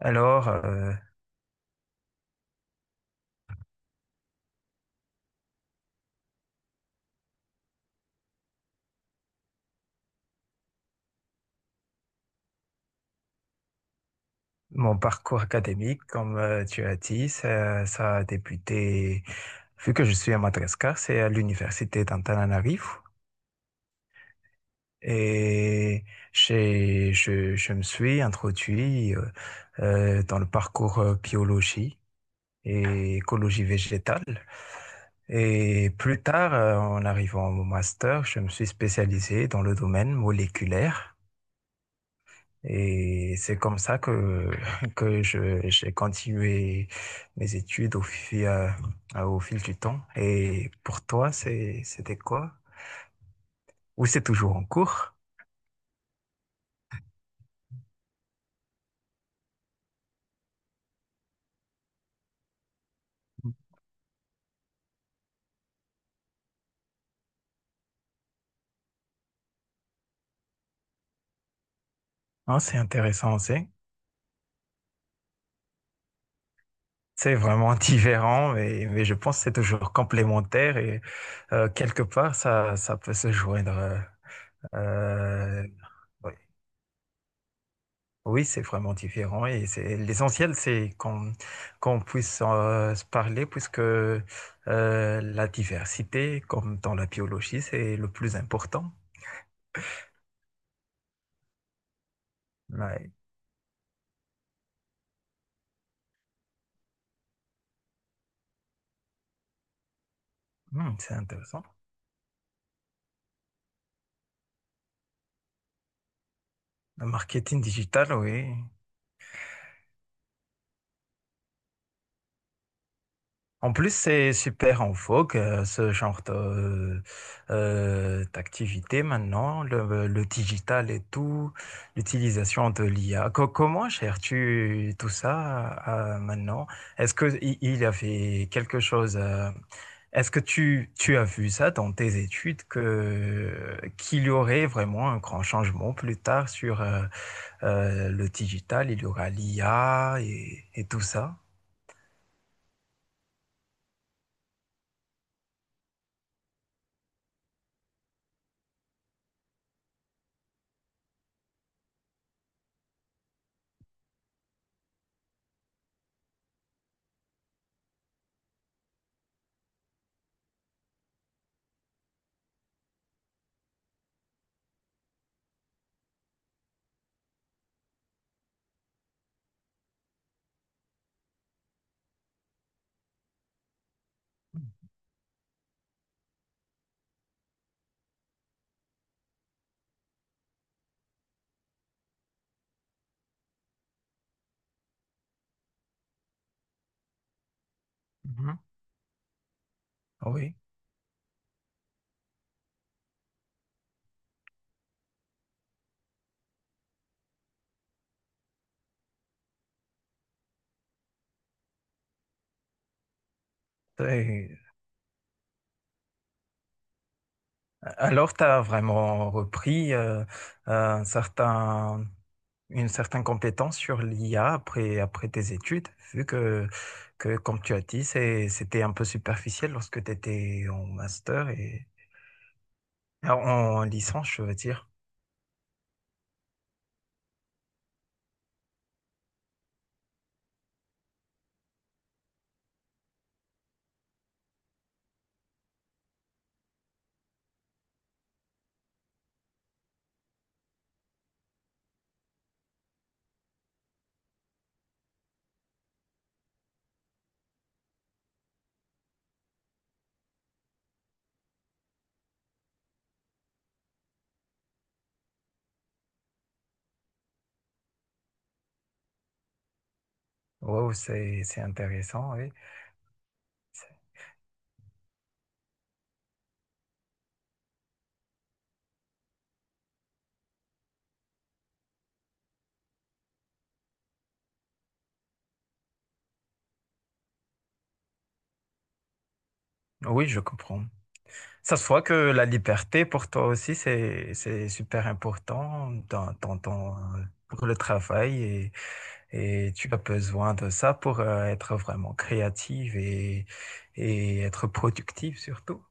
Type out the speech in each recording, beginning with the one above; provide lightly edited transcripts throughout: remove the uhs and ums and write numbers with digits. Alors, euh, Mon parcours académique, comme tu as dit, ça a débuté, vu que je suis à Madagascar, c'est à l'université d'Antananarivo. Et je me suis introduit dans le parcours biologie et écologie végétale. Et plus tard, en arrivant au master, je me suis spécialisé dans le domaine moléculaire. Et c'est comme ça que, j'ai continué mes études au fil du temps. Et pour toi, c'était quoi? Ou c'est toujours en cours? Hein, c'est intéressant aussi. C'est vraiment différent, mais je pense que c'est toujours complémentaire et quelque part, ça peut se joindre. euh, Oui, c'est vraiment différent et c'est l'essentiel, c'est qu'on puisse se parler puisque la diversité, comme dans la biologie, c'est le plus important. Ouais. Hmm, c'est intéressant. Le marketing digital, oui. En plus, c'est super en vogue, ce genre de, d'activité maintenant, le digital et tout, l'utilisation de l'IA. Comment gères-tu tout ça maintenant? Est-ce que il y avait quelque chose, est-ce que tu as vu ça dans tes études que, qu'il y aurait vraiment un grand changement plus tard sur le digital, il y aura l'IA et tout ça? Mhm. Oui. Alors, tu as vraiment repris un certain, une certaine compétence sur l'IA après, après tes études, vu que comme tu as dit, c'était un peu superficiel lorsque tu étais en master et en, en licence, je veux dire. Wow, c'est intéressant, oui. C'est- Oui, je comprends. Ça se voit que la liberté pour toi aussi, c'est super important dans, pour le travail et tu as besoin de ça pour être vraiment créative et être productive surtout.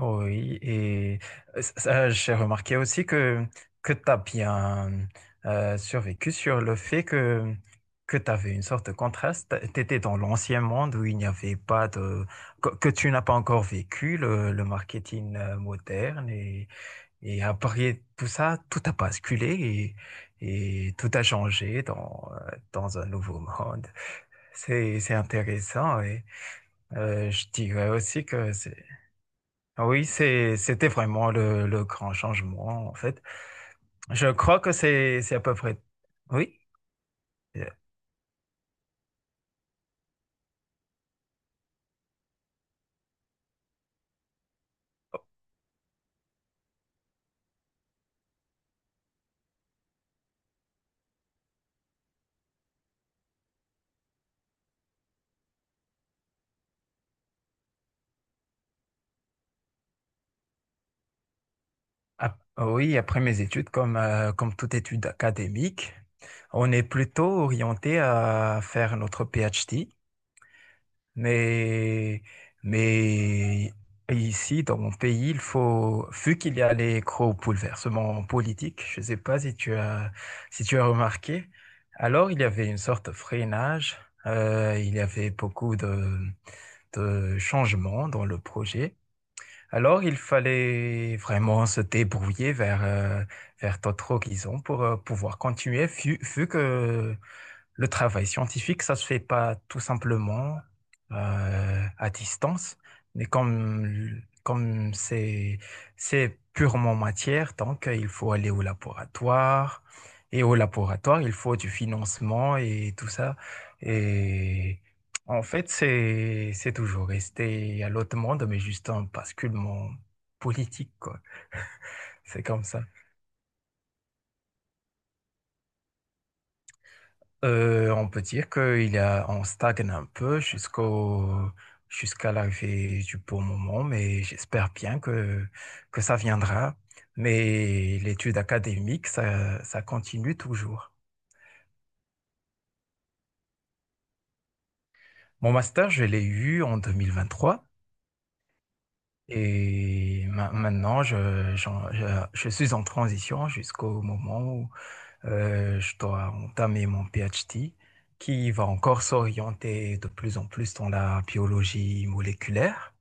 Oui, et ça, j'ai remarqué aussi que tu as bien survécu sur le fait que tu avais une sorte de contraste. Tu étais dans l'ancien monde où il n'y avait pas de... que tu n'as pas encore vécu le marketing moderne. Et après tout ça, tout a basculé et tout a changé dans, dans un nouveau monde. C'est intéressant. Et, je dirais aussi que c'était vraiment le grand changement, en fait. Je crois que c'est à peu près, oui, euh, oui, après mes études, comme toute étude académique, on est plutôt orienté à faire notre PhD. Mais, mais ici, dans mon pays, il faut, vu qu'il y a les gros bouleversements politiques, je ne sais pas si tu as, si tu as remarqué, alors il y avait une sorte de freinage, il y avait beaucoup de changements dans le projet. Alors il fallait vraiment se débrouiller vers, vers d'autres horizons pour pouvoir continuer, vu, vu que le travail scientifique, ça se fait pas tout simplement à distance, mais comme c'est purement matière, donc il faut aller au laboratoire et au laboratoire il faut du financement et tout ça. Et en fait, c'est toujours resté à l'autre monde, mais juste un basculement politique quoi. C'est comme ça. On peut dire qu'il a, on stagne un peu jusqu'au, jusqu'à l'arrivée du bon moment, mais j'espère bien que ça viendra. Mais l'étude académique, ça continue toujours. Mon master, je l'ai eu en 2023 et ma- maintenant, je, j'en- je suis en transition jusqu'au moment où je dois entamer mon PhD qui va encore s'orienter de plus en plus dans la biologie moléculaire.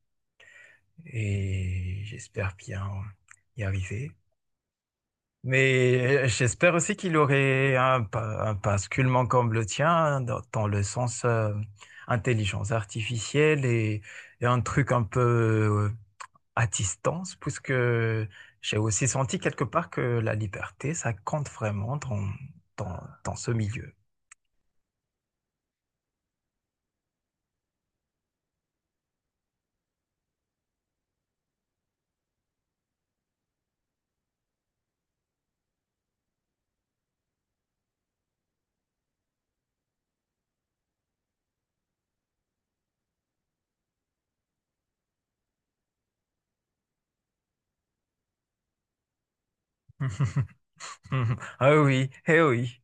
Et j'espère bien y arriver. Mais j'espère aussi qu'il aurait un, un basculement comme le tien hein, dans le sens intelligence artificielle et un truc un peu euh, à distance, puisque j'ai aussi senti quelque part que la liberté, ça compte vraiment dans ce milieu. Ah oui, eh oui.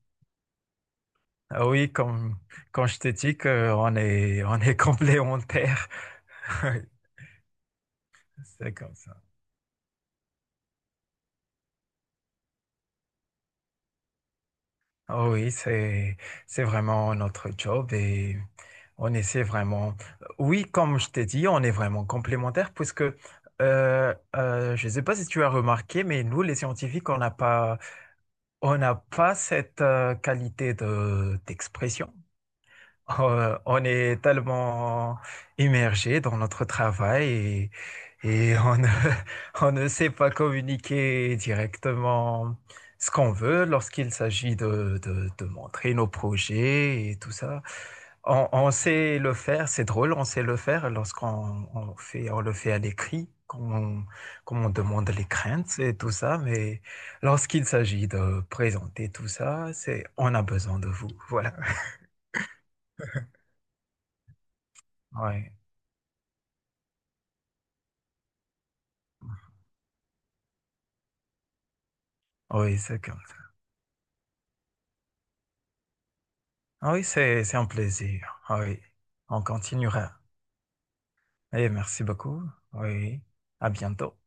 Ah oui, comme, quand je t'ai dit on est complémentaires. C'est comme ça. Ah oui, c'est vraiment notre job et on essaie vraiment. Oui, comme je t'ai dit, on est vraiment complémentaires puisque je ne sais pas si tu as remarqué, mais nous, les scientifiques, on n'a pas cette qualité de d'expression. On est tellement immergé dans notre travail et on ne, on ne sait pas communiquer directement ce qu'on veut lorsqu'il s'agit de montrer nos projets et tout ça. On sait le faire, c'est drôle, on sait le faire lorsqu'on on fait, on le fait à l'écrit, quand on, quand on demande les craintes et tout ça, mais lorsqu'il s'agit de présenter tout ça, c'est, on a besoin de vous. Voilà. Ouais. Oui, c'est comme ça. Ah oui, c'est un plaisir. Ah oui, on continuera. Et merci beaucoup. Oui, à bientôt.